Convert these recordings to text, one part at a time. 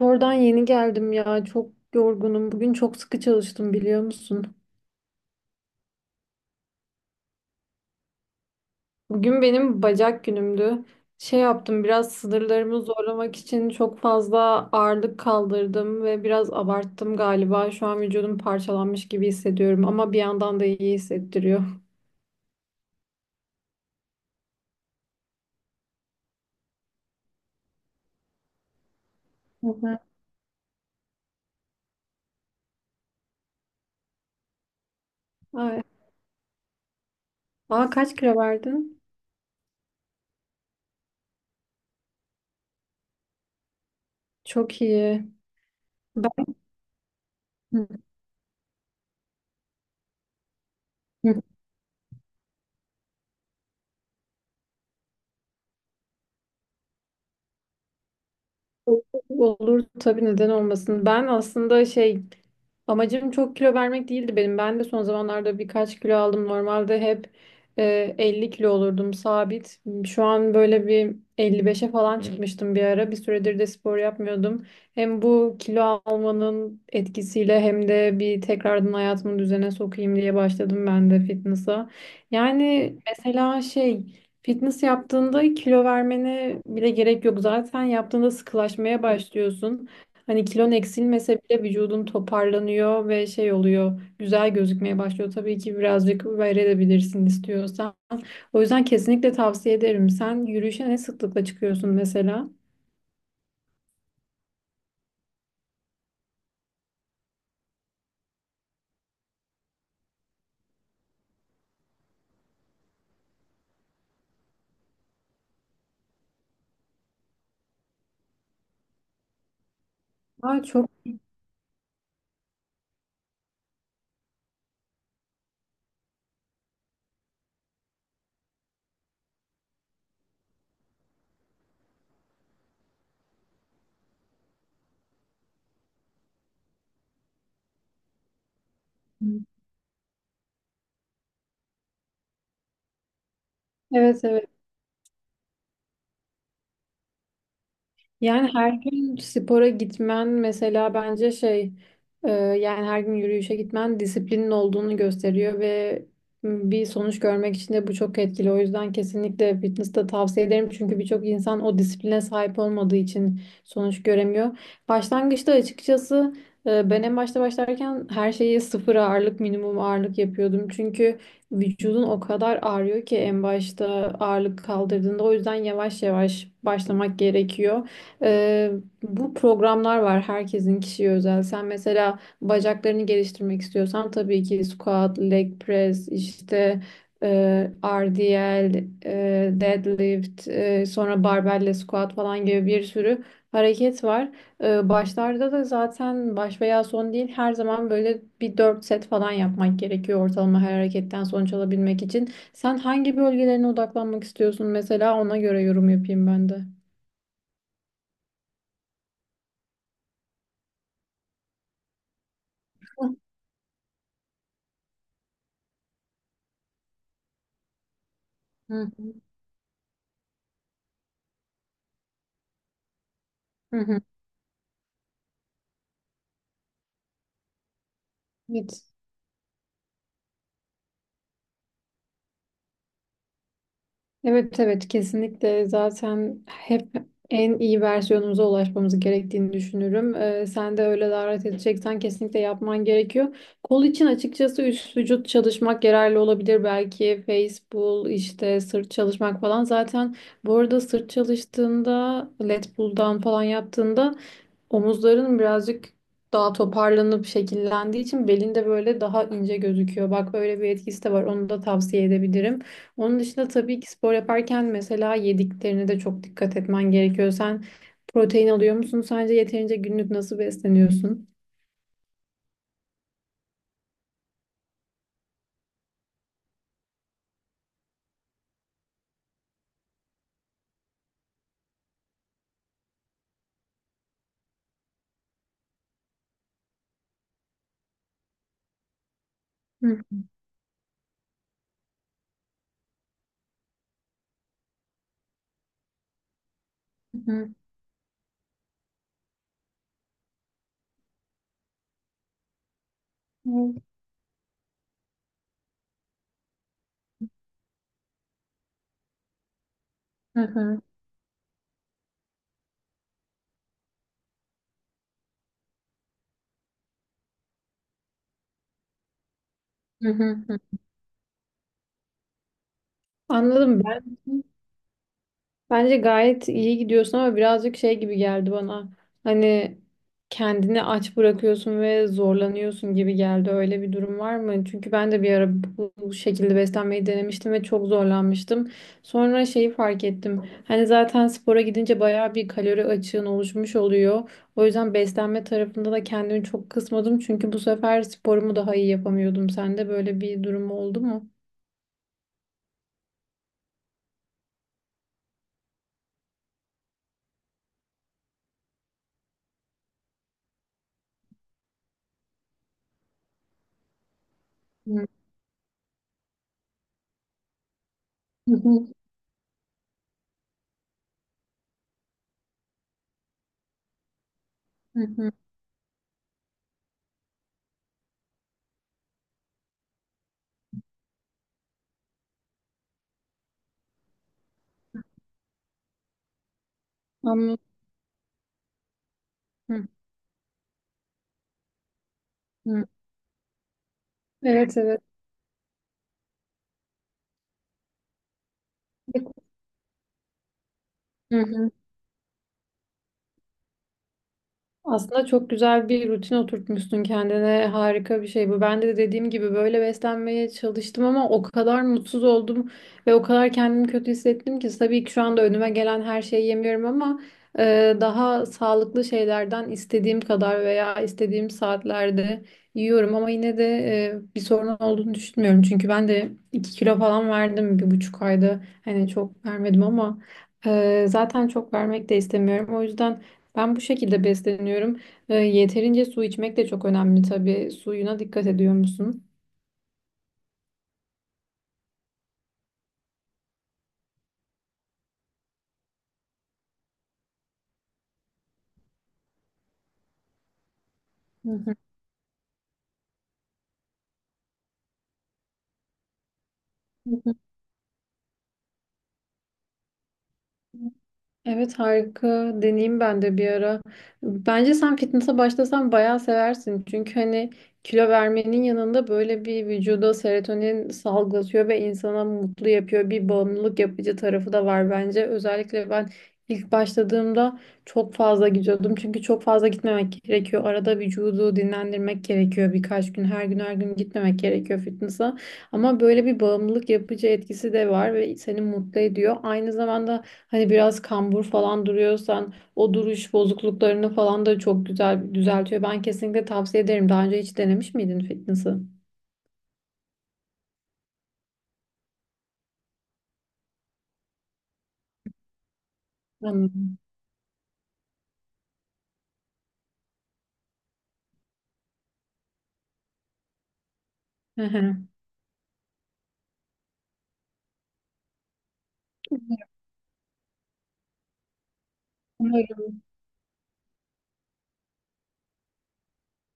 Oradan yeni geldim ya. Çok yorgunum. Bugün çok sıkı çalıştım biliyor musun? Bugün benim bacak günümdü. Şey yaptım biraz sınırlarımı zorlamak için çok fazla ağırlık kaldırdım ve biraz abarttım galiba. Şu an vücudum parçalanmış gibi hissediyorum ama bir yandan da iyi hissettiriyor. Hı hı. Ay. Aa kaç kilo verdin? Çok iyi. Ben hı. Olur tabii, neden olmasın. Ben aslında şey Amacım çok kilo vermek değildi benim. Ben de son zamanlarda birkaç kilo aldım. Normalde hep 50 kilo olurdum sabit. Şu an böyle bir 55'e falan çıkmıştım bir ara. Bir süredir de spor yapmıyordum. Hem bu kilo almanın etkisiyle hem de bir tekrardan hayatımı düzene sokayım diye başladım ben de fitness'a. Yani mesela, fitness yaptığında kilo vermene bile gerek yok. Zaten yaptığında sıkılaşmaya başlıyorsun. Hani kilon eksilmese bile vücudun toparlanıyor ve şey oluyor, güzel gözükmeye başlıyor. Tabii ki birazcık verebilirsin istiyorsan. O yüzden kesinlikle tavsiye ederim. Sen yürüyüşe ne sıklıkla çıkıyorsun mesela? Aa, çok. Evet, evet. Yani her gün spora gitmen mesela bence şey yani her gün yürüyüşe gitmen disiplinin olduğunu gösteriyor ve bir sonuç görmek için de bu çok etkili. O yüzden kesinlikle fitness de tavsiye ederim. Çünkü birçok insan o disipline sahip olmadığı için sonuç göremiyor. Başlangıçta açıkçası, ben en başta başlarken her şeyi sıfır ağırlık, minimum ağırlık yapıyordum. Çünkü vücudun o kadar ağrıyor ki en başta ağırlık kaldırdığında, o yüzden yavaş yavaş başlamak gerekiyor. Ee, bu programlar var herkesin, kişiye özel. Sen mesela bacaklarını geliştirmek istiyorsan tabii ki squat, leg press, işte RDL, deadlift, sonra barbell squat falan gibi bir sürü hareket var. Başlarda da zaten baş veya son değil, her zaman böyle bir 4 set falan yapmak gerekiyor ortalama, her hareketten sonuç alabilmek için. Sen hangi bölgelerine odaklanmak istiyorsun mesela, ona göre yorum yapayım ben de. Hı hı. Hı hı. Evet. Evet, evet kesinlikle, zaten hep en iyi versiyonumuza ulaşmamız gerektiğini düşünürüm. Sen de öyle davet edeceksen kesinlikle yapman gerekiyor. Kol için açıkçası üst vücut çalışmak yararlı olabilir belki. Face pull, işte sırt çalışmak falan. Zaten bu arada sırt çalıştığında, lat pull'dan falan yaptığında omuzların birazcık daha toparlanıp şekillendiği için belinde böyle daha ince gözüküyor. Bak böyle bir etkisi de var. Onu da tavsiye edebilirim. Onun dışında tabii ki spor yaparken mesela yediklerine de çok dikkat etmen gerekiyor. Sen protein alıyor musun? Sence yeterince, günlük nasıl besleniyorsun? Hı hı. Hı hı. Hı hı. Anladım ben. Bence gayet iyi gidiyorsun ama birazcık gibi geldi bana. Hani kendini aç bırakıyorsun ve zorlanıyorsun gibi geldi. Öyle bir durum var mı? Çünkü ben de bir ara bu şekilde beslenmeyi denemiştim ve çok zorlanmıştım. Sonra şeyi fark ettim. Hani zaten spora gidince bayağı bir kalori açığın oluşmuş oluyor. O yüzden beslenme tarafında da kendimi çok kısmadım. Çünkü bu sefer sporumu daha iyi yapamıyordum. Sende böyle bir durum oldu mu? Hı hı hı. Hı. Anladım. Hı hı. Evet, evet. Hı hı. Aslında çok güzel bir rutin oturtmuşsun kendine. Harika bir şey bu. Ben de dediğim gibi böyle beslenmeye çalıştım ama o kadar mutsuz oldum ve o kadar kendimi kötü hissettim ki, tabii ki şu anda önüme gelen her şeyi yemiyorum ama daha sağlıklı şeylerden istediğim kadar veya istediğim saatlerde yiyorum ama yine de bir sorun olduğunu düşünmüyorum. Çünkü ben de 2 kilo falan verdim bir buçuk ayda. Hani çok vermedim ama zaten çok vermek de istemiyorum. O yüzden ben bu şekilde besleniyorum. Yeterince su içmek de çok önemli tabii. Suyuna dikkat ediyor musun? Hı hı. Hı hı. Evet, harika, deneyeyim ben de bir ara. Bence sen fitness'a başlasan bayağı seversin. Çünkü hani kilo vermenin yanında böyle bir vücuda serotonin salgılatıyor ve insana mutlu yapıyor. Bir bağımlılık yapıcı tarafı da var bence. Özellikle ben ilk başladığımda çok fazla gidiyordum. Çünkü çok fazla gitmemek gerekiyor. Arada vücudu dinlendirmek gerekiyor birkaç gün. Her gün her gün gitmemek gerekiyor fitness'a. Ama böyle bir bağımlılık yapıcı etkisi de var ve seni mutlu ediyor. Aynı zamanda hani biraz kambur falan duruyorsan o duruş bozukluklarını falan da çok güzel düzeltiyor. Ben kesinlikle tavsiye ederim. Daha önce hiç denemiş miydin fitness'ı? Anladım. Hı hı. Umarım.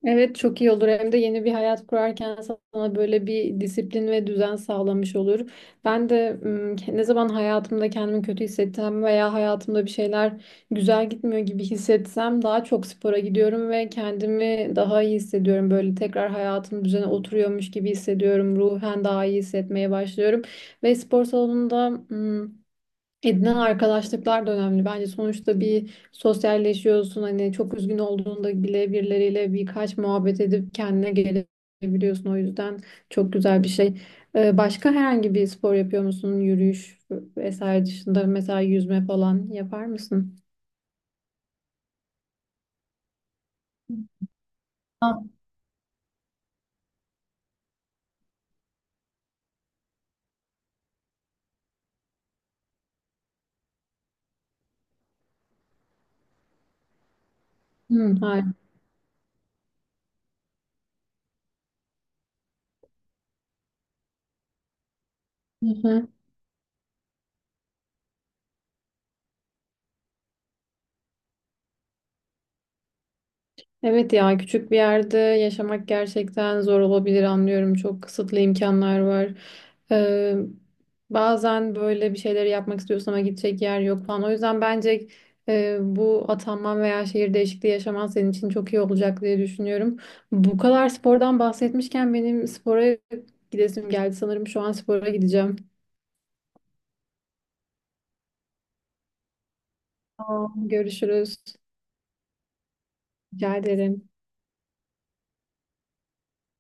Evet, çok iyi olur. Hem de yeni bir hayat kurarken sana böyle bir disiplin ve düzen sağlamış olur. Ben de ım, ke- ne zaman hayatımda kendimi kötü hissettim veya hayatımda bir şeyler güzel gitmiyor gibi hissetsem, daha çok spora gidiyorum ve kendimi daha iyi hissediyorum. Böyle tekrar hayatım düzene oturuyormuş gibi hissediyorum. Ruhen daha iyi hissetmeye başlıyorum. Ve spor salonunda edinen arkadaşlıklar da önemli. Bence sonuçta bir sosyalleşiyorsun. Hani çok üzgün olduğunda bile birileriyle birkaç muhabbet edip kendine gelebiliyorsun. O yüzden çok güzel bir şey. Başka herhangi bir spor yapıyor musun? Yürüyüş vesaire dışında mesela yüzme falan yapar mısın? Ha. Hı, hayır. Evet ya, küçük bir yerde yaşamak gerçekten zor olabilir, anlıyorum. Çok kısıtlı imkanlar var. Ee, bazen böyle bir şeyleri yapmak istiyorsun ama gidecek yer yok falan. O yüzden bence bu atanman veya şehir değişikliği yaşaman senin için çok iyi olacak diye düşünüyorum. Bu kadar spordan bahsetmişken benim spora gidesim geldi. Sanırım şu an spora gideceğim. Tamam. Görüşürüz. Rica ederim.